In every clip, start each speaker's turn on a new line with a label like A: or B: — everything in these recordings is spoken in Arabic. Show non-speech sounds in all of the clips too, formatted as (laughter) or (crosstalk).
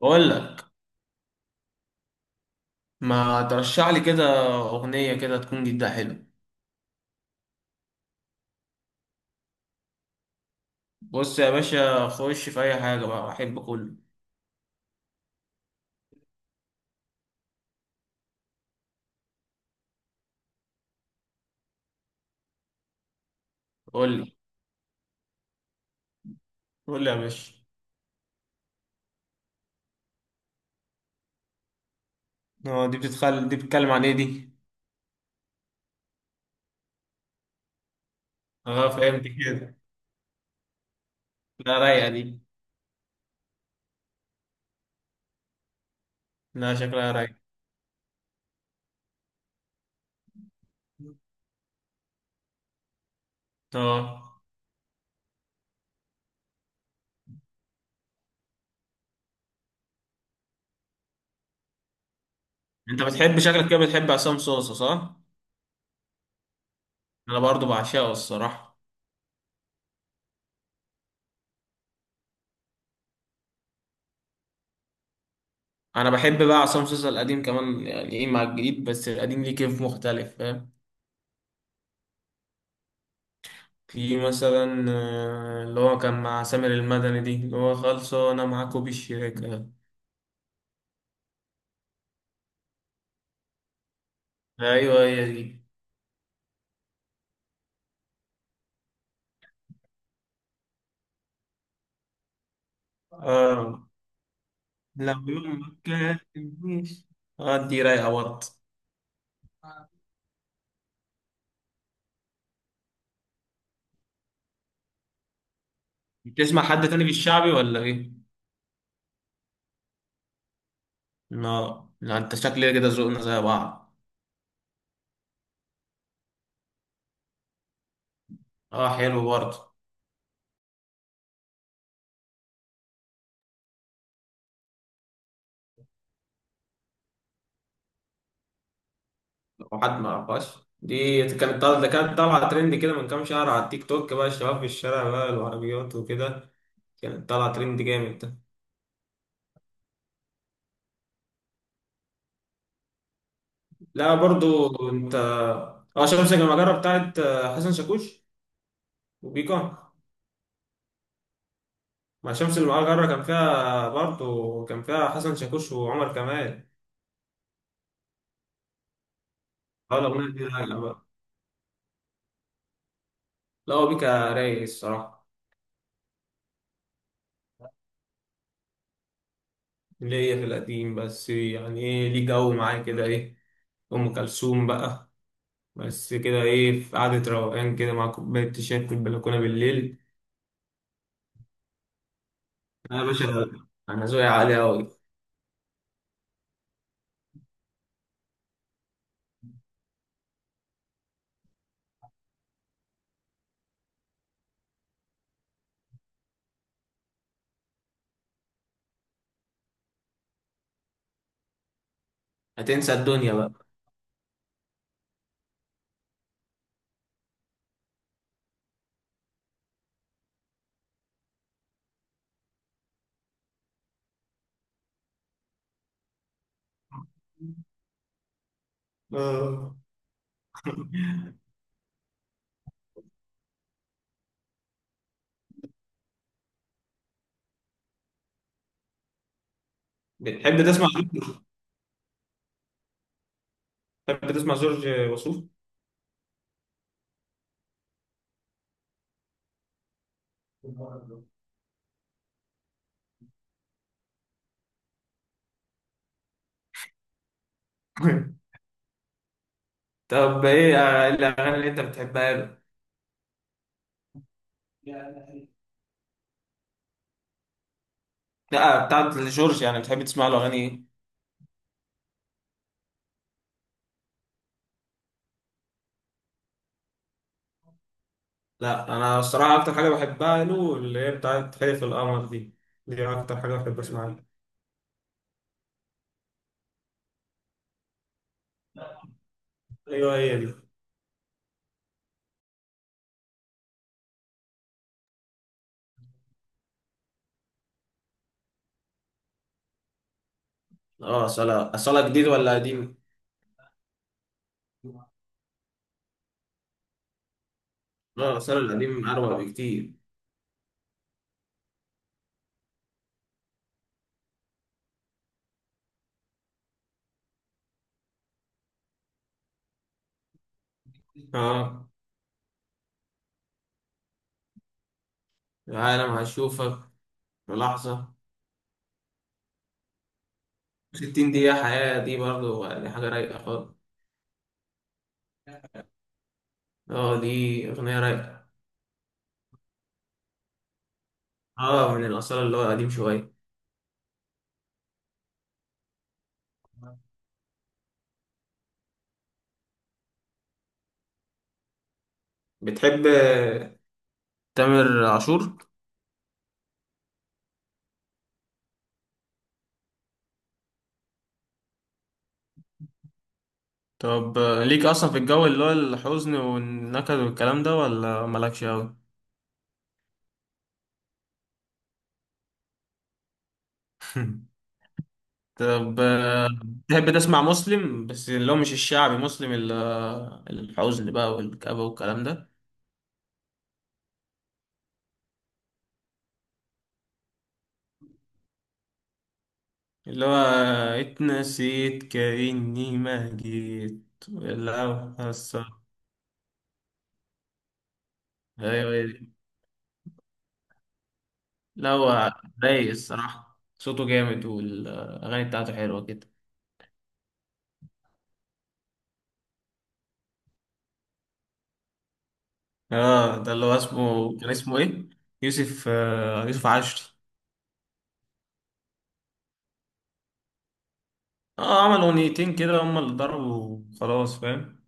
A: بقول لك، ما ترشح لي كده اغنيه كده تكون جدا حلوه. بص يا باشا، خش في اي حاجه بقى احب كله. قول لي، قول لي يا باشا. اه، دي بتتكلم عن ايه دي؟ اه، فهمت كده. لا، رايقه دي. لا، شكلها رايقه. اه، انت بتحب شكلك كده بتحب عصام صوصه، صح؟ انا برضو بعشقه الصراحه. انا بحب بقى عصام صوصه القديم كمان، يعني ايه مع الجديد، بس القديم ليه كيف مختلف، فاهم. في مثلا اللي هو كان مع سامر المدني دي اللي هو خلصوا انا معاكوا بالشراكة. ايوه هي دي. اه، لو يوم ما كاتبنيش. اه، دي رايقة برضه. بتسمع حد تاني في الشعبي ولا ايه؟ لا، لا، انت شكلي كده ذوقنا زي بعض. اه، حلو برضه. لو حد ما عرفهاش. دي كانت طالعة ده كانت طالعة ترند كده من كام شهر على التيك توك، بقى الشباب في الشارع بقى العربيات وكده. كانت طالعة ترند جامد. لا برضو انت. اه، شمس المجرة بتاعت حسن شاكوش وبيكا. مع شمس المجرة كان فيها برضو كان فيها حسن شاكوش وعمر كمال. اه، الأغنية دي رايقة بقى. لا، هو بيكا رايق الصراحة. اللي هي في القديم، بس يعني ايه ليه جو معاه كده ايه. أم كلثوم بقى. بس كده ايه، في قعدة روقان كده مع كوباية شاي في البلكونة بالليل. انا يا باشا، انا ذوقي عالي أوي. هتنسى الدنيا بقى. اه، بتحب تسمع بتحب تسمع جورج وسوف. (laughs) طب ايه الاغاني اللي انت بتحبها له. لا، بتاعت جورج يعني بتحب تسمع له اغاني ايه. لا، انا الصراحه اكتر حاجه بحبها له اللي هي بتاعت خلف القمر دي. دي اكتر حاجه بحب اسمعها له. ايوه هي دي. اه، صلاة جديد ولا قديم؟ اه، صلاة القديم أروع بكتير. اه، عالم هشوفك في لحظة. 60 دقيقة حياة دي برضو يعني حاجة رايقة خالص. اه، دي أغنية رايقة. اه، من الأصالة اللي هو قديم شوية. بتحب تامر عاشور؟ طب ليك اصلا في الجو اللي هو الحزن والنكد والكلام ده، ولا مالكش اوي؟ (laughs) طب تحب تسمع مسلم، بس اللي هو مش الشعبي مسلم الحزن بقى والكآبة والكلام ده. اللي هو اتنسيت كأني ما جيت لو حصل. ايوه هي دي. لا، هو رايق الصراحة، صوته جامد والأغاني بتاعته حلوة كده. اه، ده اللي هو اسمه ايه؟ يوسف عاشور. اه، عمل اغنيتين كده هما اللي ضربوا خلاص، فاهم.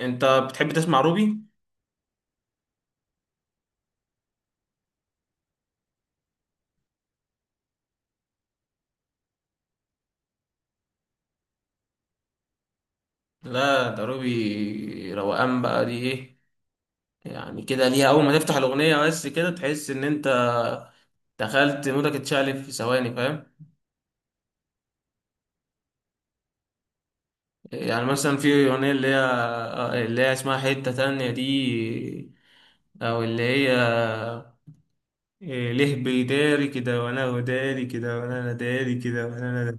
A: انت بتحب تسمع روبي؟ لا، ده روبي روقان بقى دي ايه. يعني كده ليها اول ما تفتح الاغنيه بس كده تحس ان انت دخلت مودك اتشقلب في ثواني، فاهم. يعني مثلا في اغنيه اللي هي اسمها حته تانية دي. او اللي هي إيه، ليه بيداري كده وانا وداري كده وانا أنا داري كده وانا.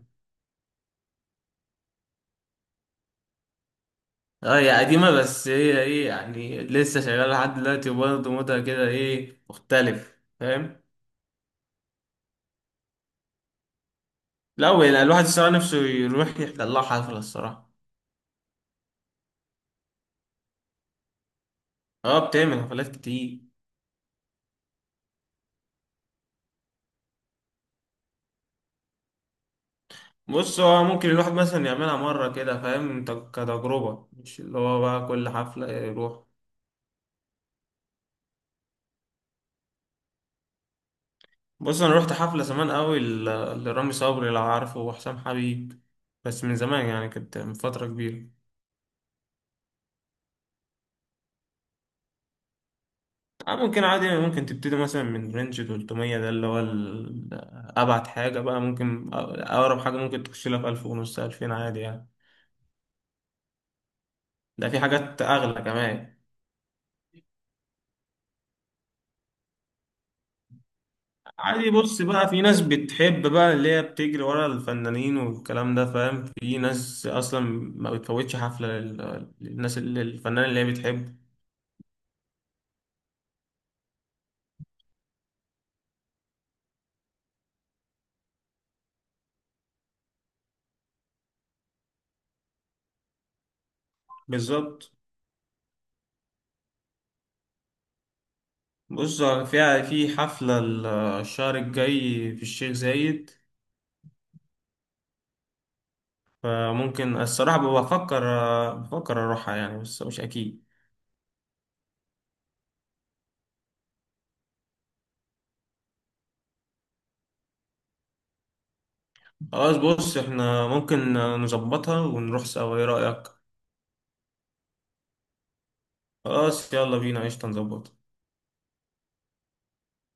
A: اه، هي قديمة بس هي ايه يعني لسه شغالة لحد دلوقتي، وبرضه مودها كده ايه مختلف، فاهم؟ لا، ولا الواحد الصراحة نفسه يروح يحضر لها حفلة الصراحة. اه، بتعمل حفلات كتير. بص، هو ممكن الواحد مثلا يعملها مرة كده فاهم انت، كتجربة، مش اللي هو بقى كل حفلة يروح. بص انا رحت حفلة زمان قوي لرامي صبري لو عارفه، وحسام حبيب. بس من زمان يعني، كانت من فترة كبيرة. ممكن عادي، ممكن تبتدي مثلا من رينج 300 ده اللي هو أبعد حاجة بقى. ممكن أقرب حاجة ممكن تخش لها في 1000 ونص 2000 عادي يعني. ده في حاجات أغلى كمان. عادي، بص بقى في ناس بتحب بقى اللي هي بتجري ورا الفنانين والكلام ده فاهم. في ناس أصلا ما بتفوتش حفلة للناس اللي الفنان اللي هي بتحبه. بالظبط. بص، فيها في حفلة الشهر الجاي في الشيخ زايد. فممكن الصراحة، بفكر، أروحها يعني بس مش أكيد. خلاص بص، إحنا ممكن نظبطها ونروح سوا، إيه رأيك؟ خلاص يلا بينا، قشطة نظبطها.